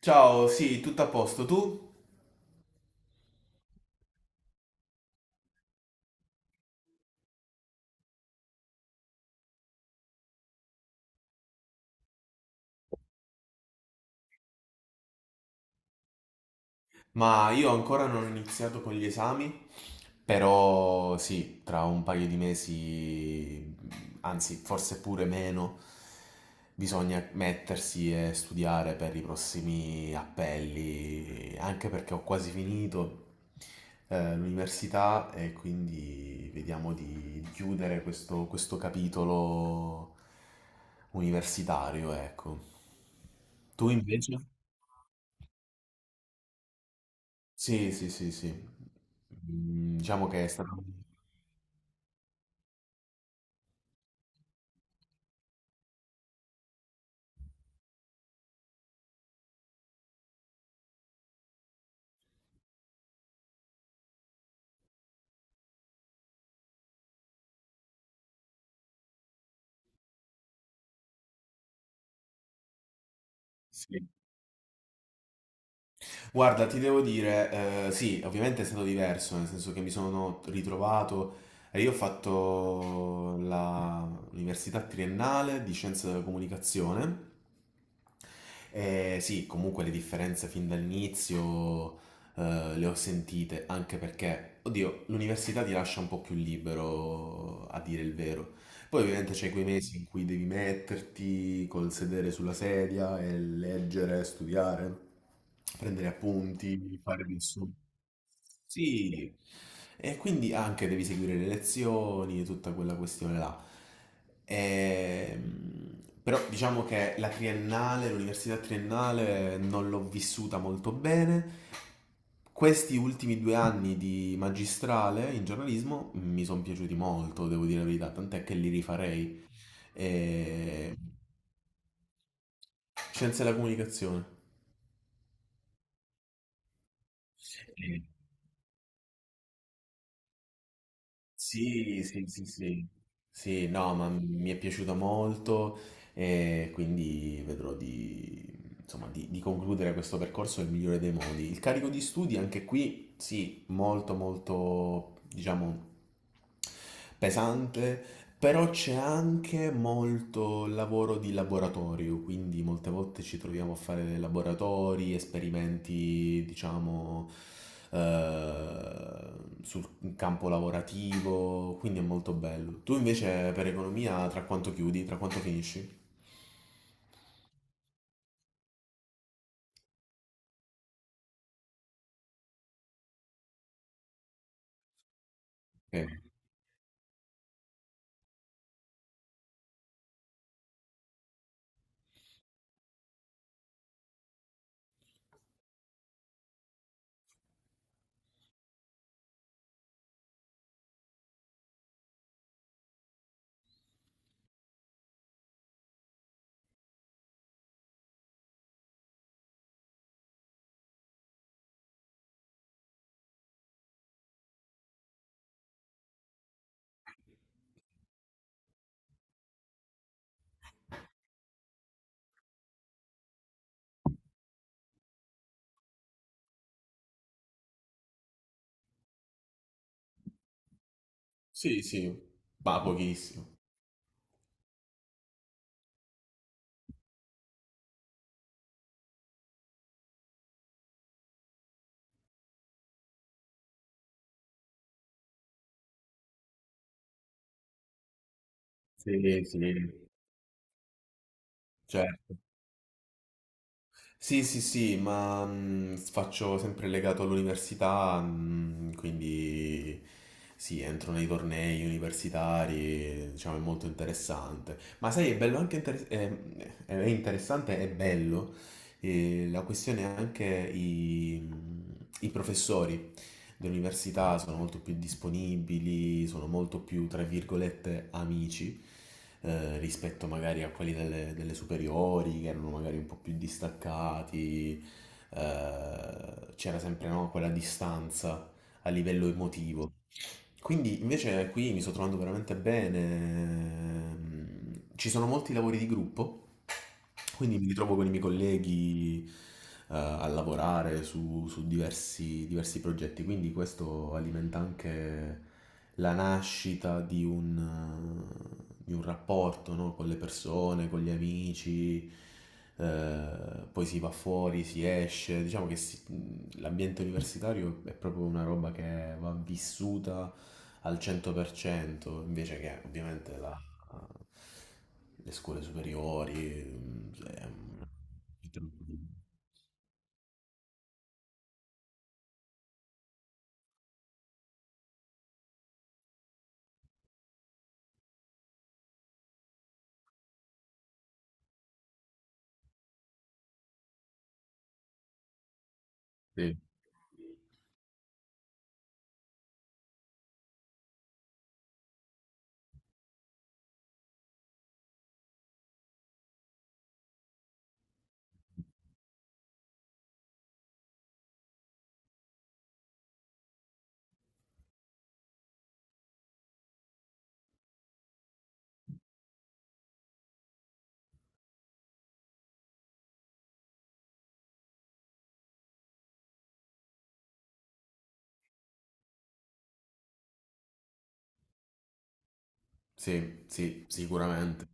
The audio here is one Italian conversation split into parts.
Ciao, sì, tutto a posto tu? Ma io ancora non ho iniziato con gli esami, però sì, tra un paio di mesi, anzi forse pure meno, bisogna mettersi e studiare per i prossimi appelli, anche perché ho quasi finito l'università e quindi vediamo di chiudere questo capitolo universitario, ecco. Tu invece? Sì, sì, sì, sì. Mm, diciamo che è stato... sì. Guarda, ti devo dire, sì, ovviamente è stato diverso, nel senso che mi sono ritrovato... e io ho fatto l'università triennale di scienze della comunicazione. E sì, comunque le differenze fin dall'inizio le ho sentite, anche perché, oddio, l'università ti lascia un po' più libero a dire il vero. Poi ovviamente c'è quei mesi in cui devi metterti col sedere sulla sedia e leggere, studiare, prendere appunti, fare nessuno. Sì, e quindi anche devi seguire le lezioni e tutta quella questione là. Ehm, Però diciamo che la triennale, l'università triennale non l'ho vissuta molto bene. Questi ultimi due anni di magistrale in giornalismo mi sono piaciuti molto, devo dire la verità, tant'è che li rifarei. E... scienze della comunicazione. Sì, sì, sì, sì, sì, no, ma mi è piaciuta molto e quindi vedrò insomma, di concludere questo percorso nel migliore dei modi. Il carico di studi anche qui, sì, molto molto, diciamo, pesante, però c'è anche molto lavoro di laboratorio, quindi molte volte ci troviamo a fare laboratori, esperimenti, diciamo, eh, sul campo lavorativo, quindi è molto bello. Tu invece per economia tra quanto chiudi, tra quanto finisci? Eh, Sì, sì, ma pochissimo. Sì, sì, certo. Sì, sì, sì, ma faccio sempre legato all'università, quindi sì, entro nei tornei universitari, diciamo, è molto interessante. Ma sai, è bello anche è interessante, è bello e la questione è anche i, i professori dell'università sono molto più disponibili, sono molto più, tra virgolette, amici rispetto magari a quelli delle superiori che erano magari un po' più distaccati, c'era sempre no, quella distanza a livello emotivo. Quindi invece qui mi sto trovando veramente bene. Ci sono molti lavori di gruppo, quindi mi ritrovo con i miei colleghi a lavorare su, su diversi, diversi progetti, quindi questo alimenta anche la nascita di di un rapporto, no? Con le persone, con gli amici, poi si va fuori, si esce, diciamo che l'ambiente universitario è proprio una roba che va vissuta al 100%, invece che ovviamente la le scuole superiori. Mm, cioè, mm, sì. Sì, sì, sicuramente.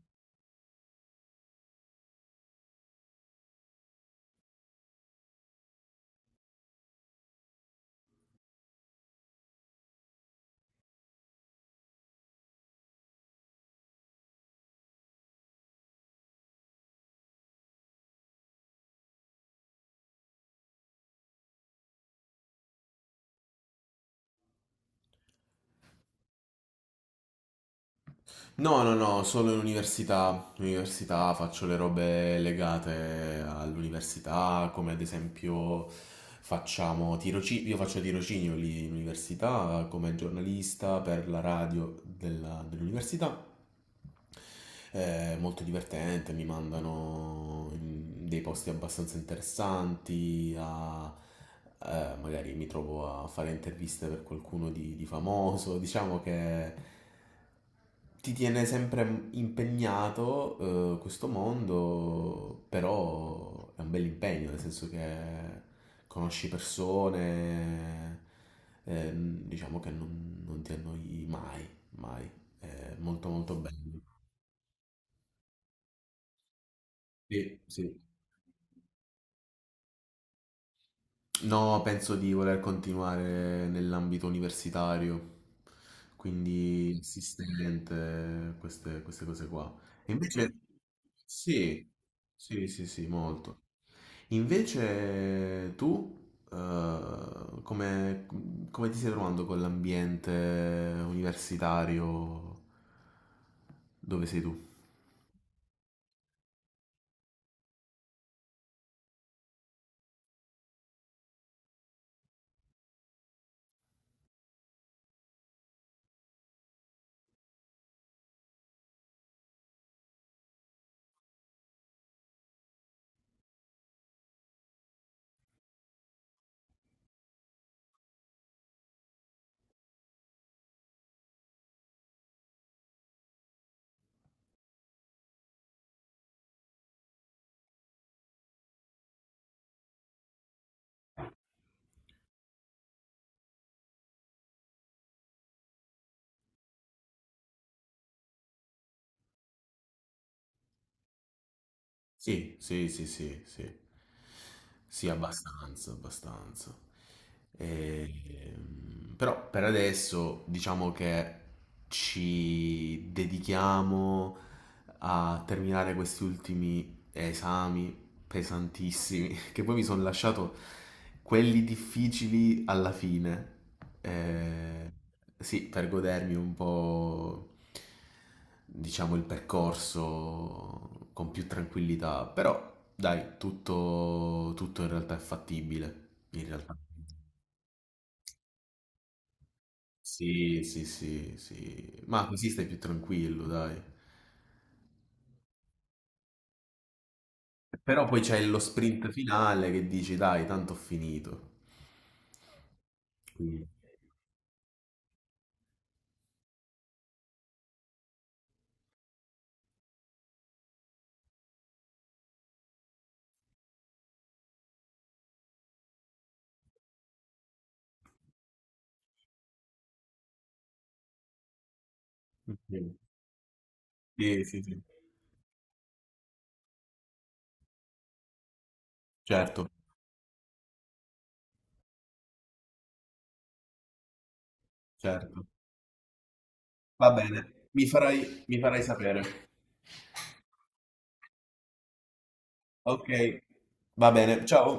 No, no, no, solo in università. In università faccio le robe legate all'università, come ad esempio facciamo tirocinio, io faccio tirocinio lì in università come giornalista per la radio dell'università. È molto divertente, mi mandano in dei posti abbastanza interessanti, magari mi trovo a fare interviste per qualcuno di famoso, diciamo che ti tiene sempre impegnato, questo mondo, però è un bel impegno, nel senso che conosci persone, diciamo che non ti annoi mai, mai, è molto molto bello. Sì, sì. No, penso di voler continuare nell'ambito universitario, quindi assistente, queste cose qua. E invece, sì, sì, sì, sì, molto. Invece tu, come ti stai trovando con l'ambiente universitario? Dove sei tu? Sì, sì, sì, sì, sì. Sì, abbastanza, abbastanza. Però per adesso diciamo che ci dedichiamo a terminare questi ultimi esami pesantissimi, che poi mi sono lasciato quelli difficili alla fine. Eh, sì, per godermi un po', diciamo, il percorso con più tranquillità. Però, dai, tutto, tutto in realtà è fattibile. In realtà. Sì, sì, sì, sì. Ma così stai più tranquillo, dai. Però poi c'è lo sprint finale che dici, dai, tanto ho finito. Quindi- sì, sì, sì. Certo. Certo, va bene, mi farai sapere. Okay, va bene, ciao.